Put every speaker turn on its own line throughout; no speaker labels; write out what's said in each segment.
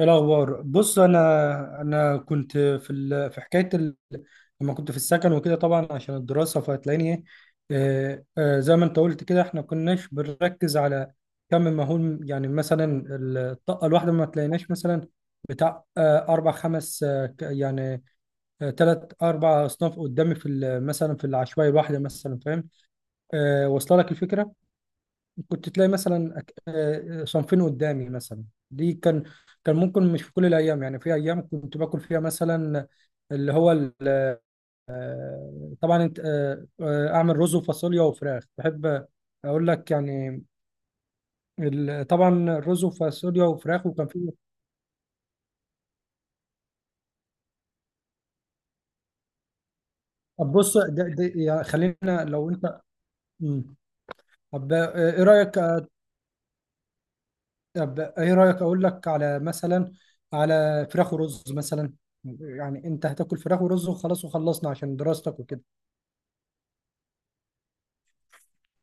إيه الأخبار؟ بص، أنا كنت في حكاية لما كنت في السكن وكده، طبعا عشان الدراسة، فهتلاقيني إيه. زي ما أنت قلت كده، إحنا كناش بنركز على كم مهول، يعني مثلا الطاقة الواحدة ما تلاقيناش مثلا بتاع أربع خمس، يعني ثلاث أربع أصناف قدامي مثلا، في العشوائي الواحدة مثلا، فاهم؟ واصلة لك الفكرة؟ كنت تلاقي مثلا صنفين قدامي مثلا. دي كان ممكن، مش في كل الايام، يعني في ايام كنت باكل فيها مثلا اللي هو ال- طبعا انت اعمل رز وفاصوليا وفراخ بحب اقول لك، يعني طبعا الرز وفاصوليا وفراخ، وكان في. طب بص، ده يعني خلينا لو انت. مم. طب، ايه رايك، طب ايه رايك اقول لك على مثلا، على فراخ ورز مثلا. يعني انت هتاكل فراخ ورز، وخلاص وخلصنا عشان دراستك وكده.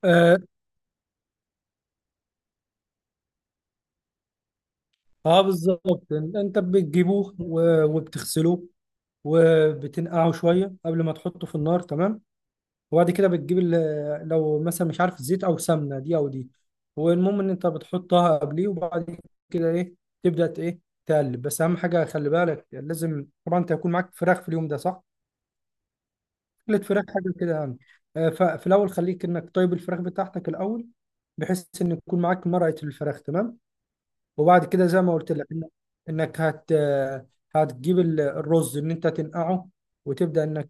آه. اه بالظبط، انت بتجيبوه وبتغسلوه وبتنقعه شويه قبل ما تحطه في النار. تمام. وبعد كده بتجيب لو مثلا مش عارف زيت او سمنه، دي او دي. والمهم ان انت بتحطها قبليه. وبعد كده ايه؟ تبدا ايه؟ تقلب. بس اهم حاجه، خلي بالك لازم طبعا انت يكون معاك فراخ في اليوم ده، صح؟ قلت فراخ حاجه كده يعني. ففي الاول خليك انك طيب الفراخ بتاعتك الاول، بحيث ان يكون معاك مرقه الفراخ. تمام. وبعد كده، زي ما قلت لك، انك هتجيب الرز، ان انت تنقعه، وتبدا انك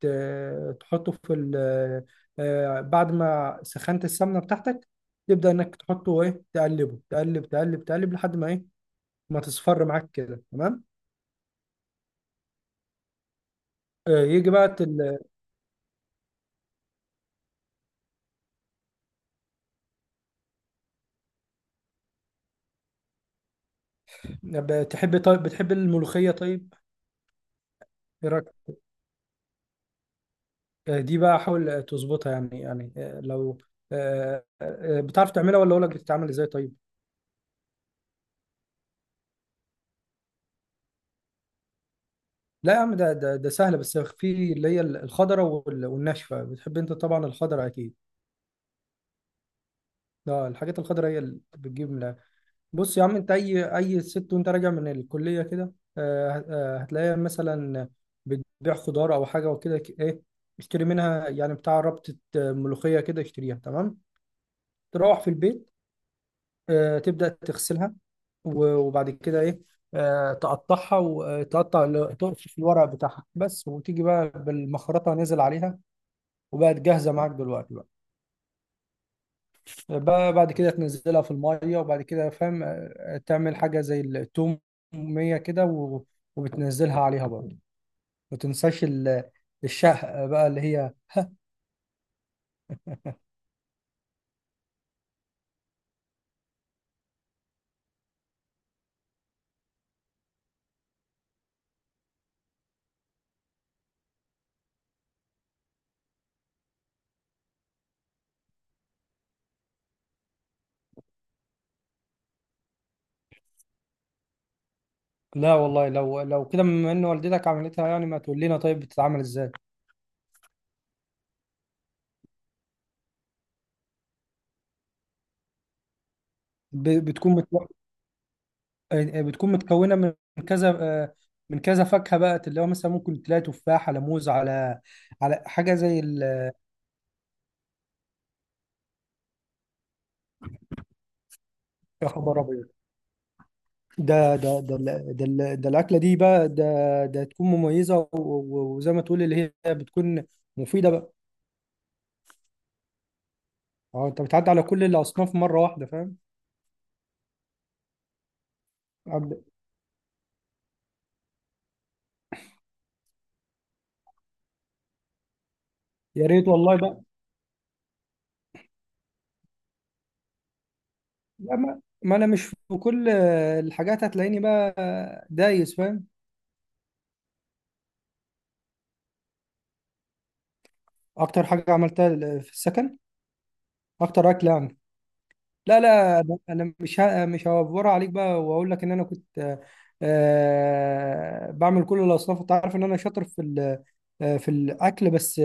تحطه في ال آه، بعد ما سخنت السمنه بتاعتك، تبدا انك تحطه، ايه، تقلبه، تقلب تقلب تقلب لحد ما ايه، ما تصفر معاك كده. تمام. يجي بقى. تحب؟ طيب، بتحب الملوخيه؟ طيب. ايه رايك؟ دي بقى حاول تظبطها يعني، يعني آه، لو آه، آه، آه، بتعرف تعملها، ولا اقول لك بتتعمل ازاي؟ طيب. لا يا عم، ده سهله، بس في اللي هي الخضره والناشفه، بتحب انت طبعا الخضره اكيد. اه، الحاجات الخضره هي اللي بتجيب من الآخر. بص يا عم، انت اي ست وانت راجع من الكليه كده، هتلاقيها مثلا بتبيع خضار او حاجه وكده، ايه، اشتري منها، يعني بتاع ربطه ملوخيه كده، اشتريها. تمام. تروح في البيت، تبدا تغسلها، وبعد كده ايه، تقطعها، وتقطع الورق بتاعها بس، وتيجي بقى بالمخرطه نازل عليها، وبقت جاهزه معاك دلوقتي بقى. بقى بعد كده تنزلها في الميه، وبعد كده فاهم، تعمل حاجه زي التوميه كده، وبتنزلها عليها برضه. ما تنساش الشهق بقى، اللي هي. لا والله، لو كده بما ان والدتك عملتها، يعني ما تقول لنا طيب بتتعمل ازاي؟ بتكون متو... آه، آه، بتكون متكونه من كذا، من كذا فاكهه بقى، اللي هو مثلا ممكن تلاقي تفاح على موز على حاجه زي يا خبر ابيض! ده الأكلة دي بقى، ده ده تكون مميزة وزي ما تقول اللي هي بتكون مفيدة بقى. اه، انت بتعدي على كل الأصناف مرة واحدة، فاهم؟ عبد- يا ريت والله بقى. لا، ما انا مش في كل الحاجات هتلاقيني بقى دايس، فاهم؟ اكتر حاجة عملتها في السكن. اكتر أكل يعني. لا، لا، انا مش هوفرها عليك بقى، واقول لك ان انا كنت بعمل كل الأصناف، انت عارف ان انا شاطر في الاكل بس.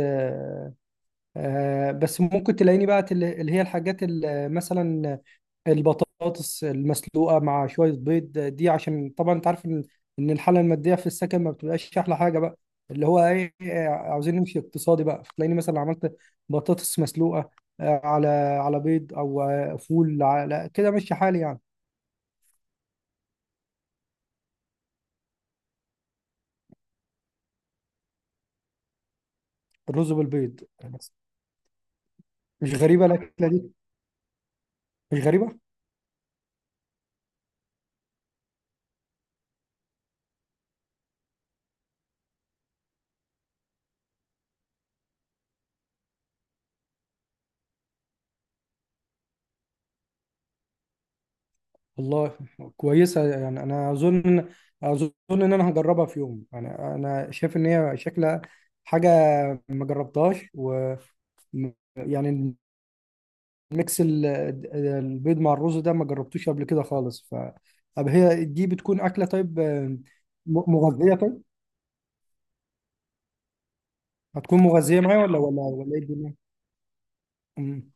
بس ممكن تلاقيني بقى اللي هي الحاجات مثلا البطاطس المسلوقه مع شويه بيض، دي عشان طبعا انت عارف إن الحاله الماديه في السكن ما بتبقاش احلى حاجه بقى، اللي هو ايه، عاوزين نمشي اقتصادي بقى، فتلاقيني مثلا عملت بطاطس مسلوقه آه، على على بيض، او فول، على كده ماشي حالي يعني. الرز بالبيض بس. مش غريبه الاكله دي. مش غريبه. والله كويسة يعني، أنا أظن إن أنا هجربها في يوم، يعني أنا شايف إن هي شكلها حاجة ما جربتهاش، م- يعني الميكس البيض مع الرز ده، ما جربتوش قبل كده خالص، ف. طب هي دي بتكون أكلة طيب، مغذية طيب؟ هتكون مغذية معايا، ولا إيه الدنيا؟ أمم.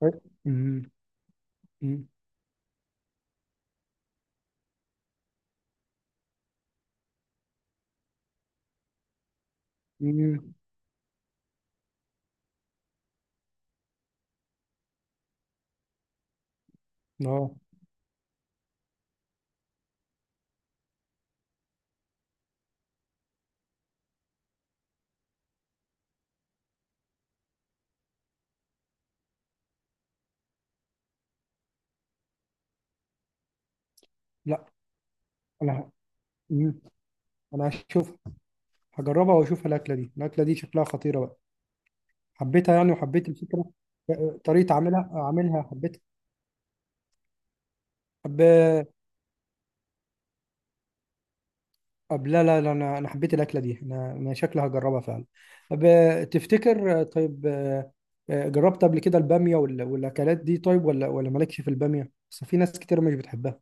طيب. أمم. أمم. أمم. آه، لا، أنا أمم. أنا هشوف، هجربها وأشوف الأكلة دي، الأكلة دي شكلها خطيرة بقى. حبيتها يعني، وحبيت الفكرة. طريقة عملها عاملها، حبيتها. أب... أب لا، لا، لا، أنا حبيت الأكلة دي، أنا شكلها هجربها فعلا. أب... تفتكر طيب، جربت قبل كده البامية والأكلات دي طيب؟ ولا مالكش في البامية؟ بس في ناس كتير مش بتحبها.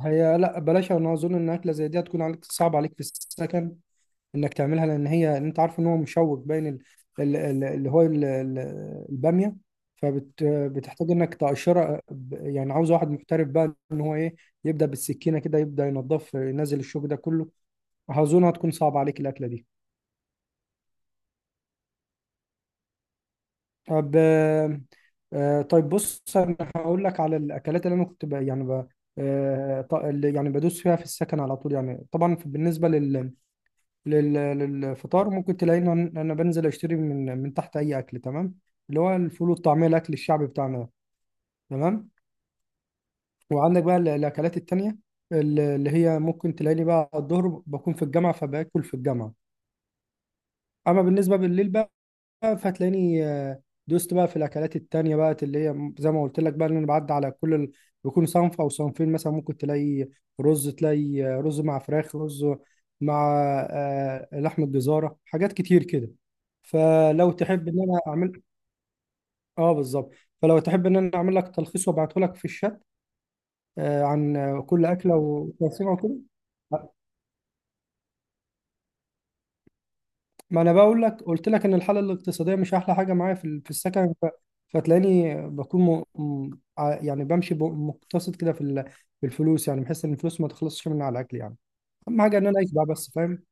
هي لا، بلاش، أنا أظن إن أكلة زي دي هتكون عليك، صعب عليك في السكن، انك تعملها، لان هي انت عارف ان هو مشوك، باين ال- ال- ال- اللي هو ال- ال- الباميه، فبتحتاج انك تقشرها، يعني عاوز واحد محترف بقى ان هو ايه، يبدا بالسكينه كده، يبدا ينظف ينزل الشوك ده كله. اظن هتكون صعب عليك الاكله دي. طب، طيب بص، انا هقول لك على الاكلات اللي انا كنت اللي يعني بدوس فيها في السكن على طول، يعني طبعا بالنسبه للفطار ممكن تلاقيني انا بنزل اشتري من تحت اي اكل. تمام. اللي هو الفول والطعميه، الاكل الشعبي بتاعنا ده. تمام. وعندك بقى الاكلات التانيه، اللي هي ممكن تلاقيني بقى الظهر بكون في الجامعه، فباكل في الجامعه. اما بالنسبه بالليل بقى، فتلاقيني دوست بقى في الاكلات التانية بقى، اللي هي زي ما قلت لك بقى، ان انا بعدي على كل بيكون صنف او صنفين، مثلا ممكن تلاقي رز، تلاقي رز مع فراخ، رز مع لحمة جزارة، حاجات كتير كده. فلو تحب ان انا اعمل. اه بالظبط. فلو تحب ان انا اعمل لك تلخيص، وابعته لك في الشات، عن كل اكله وتوصيفها وكده. ما انا بقول لك، قلت لك ان الحاله الاقتصاديه مش احلى حاجه معايا في السكن، فتلاقيني بكون يعني بمشي مقتصد كده في الفلوس، يعني بحس ان الفلوس ما تخلصش مني على الاكل، يعني اهم حاجه ان انا اعيش بقى بس، فاهم؟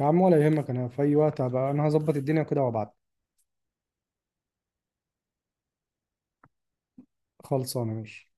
يا عم ولا يهمك، انا في اي وقت هبقى انا هظبط الدنيا كده وابعت. خلصانه. ماشي.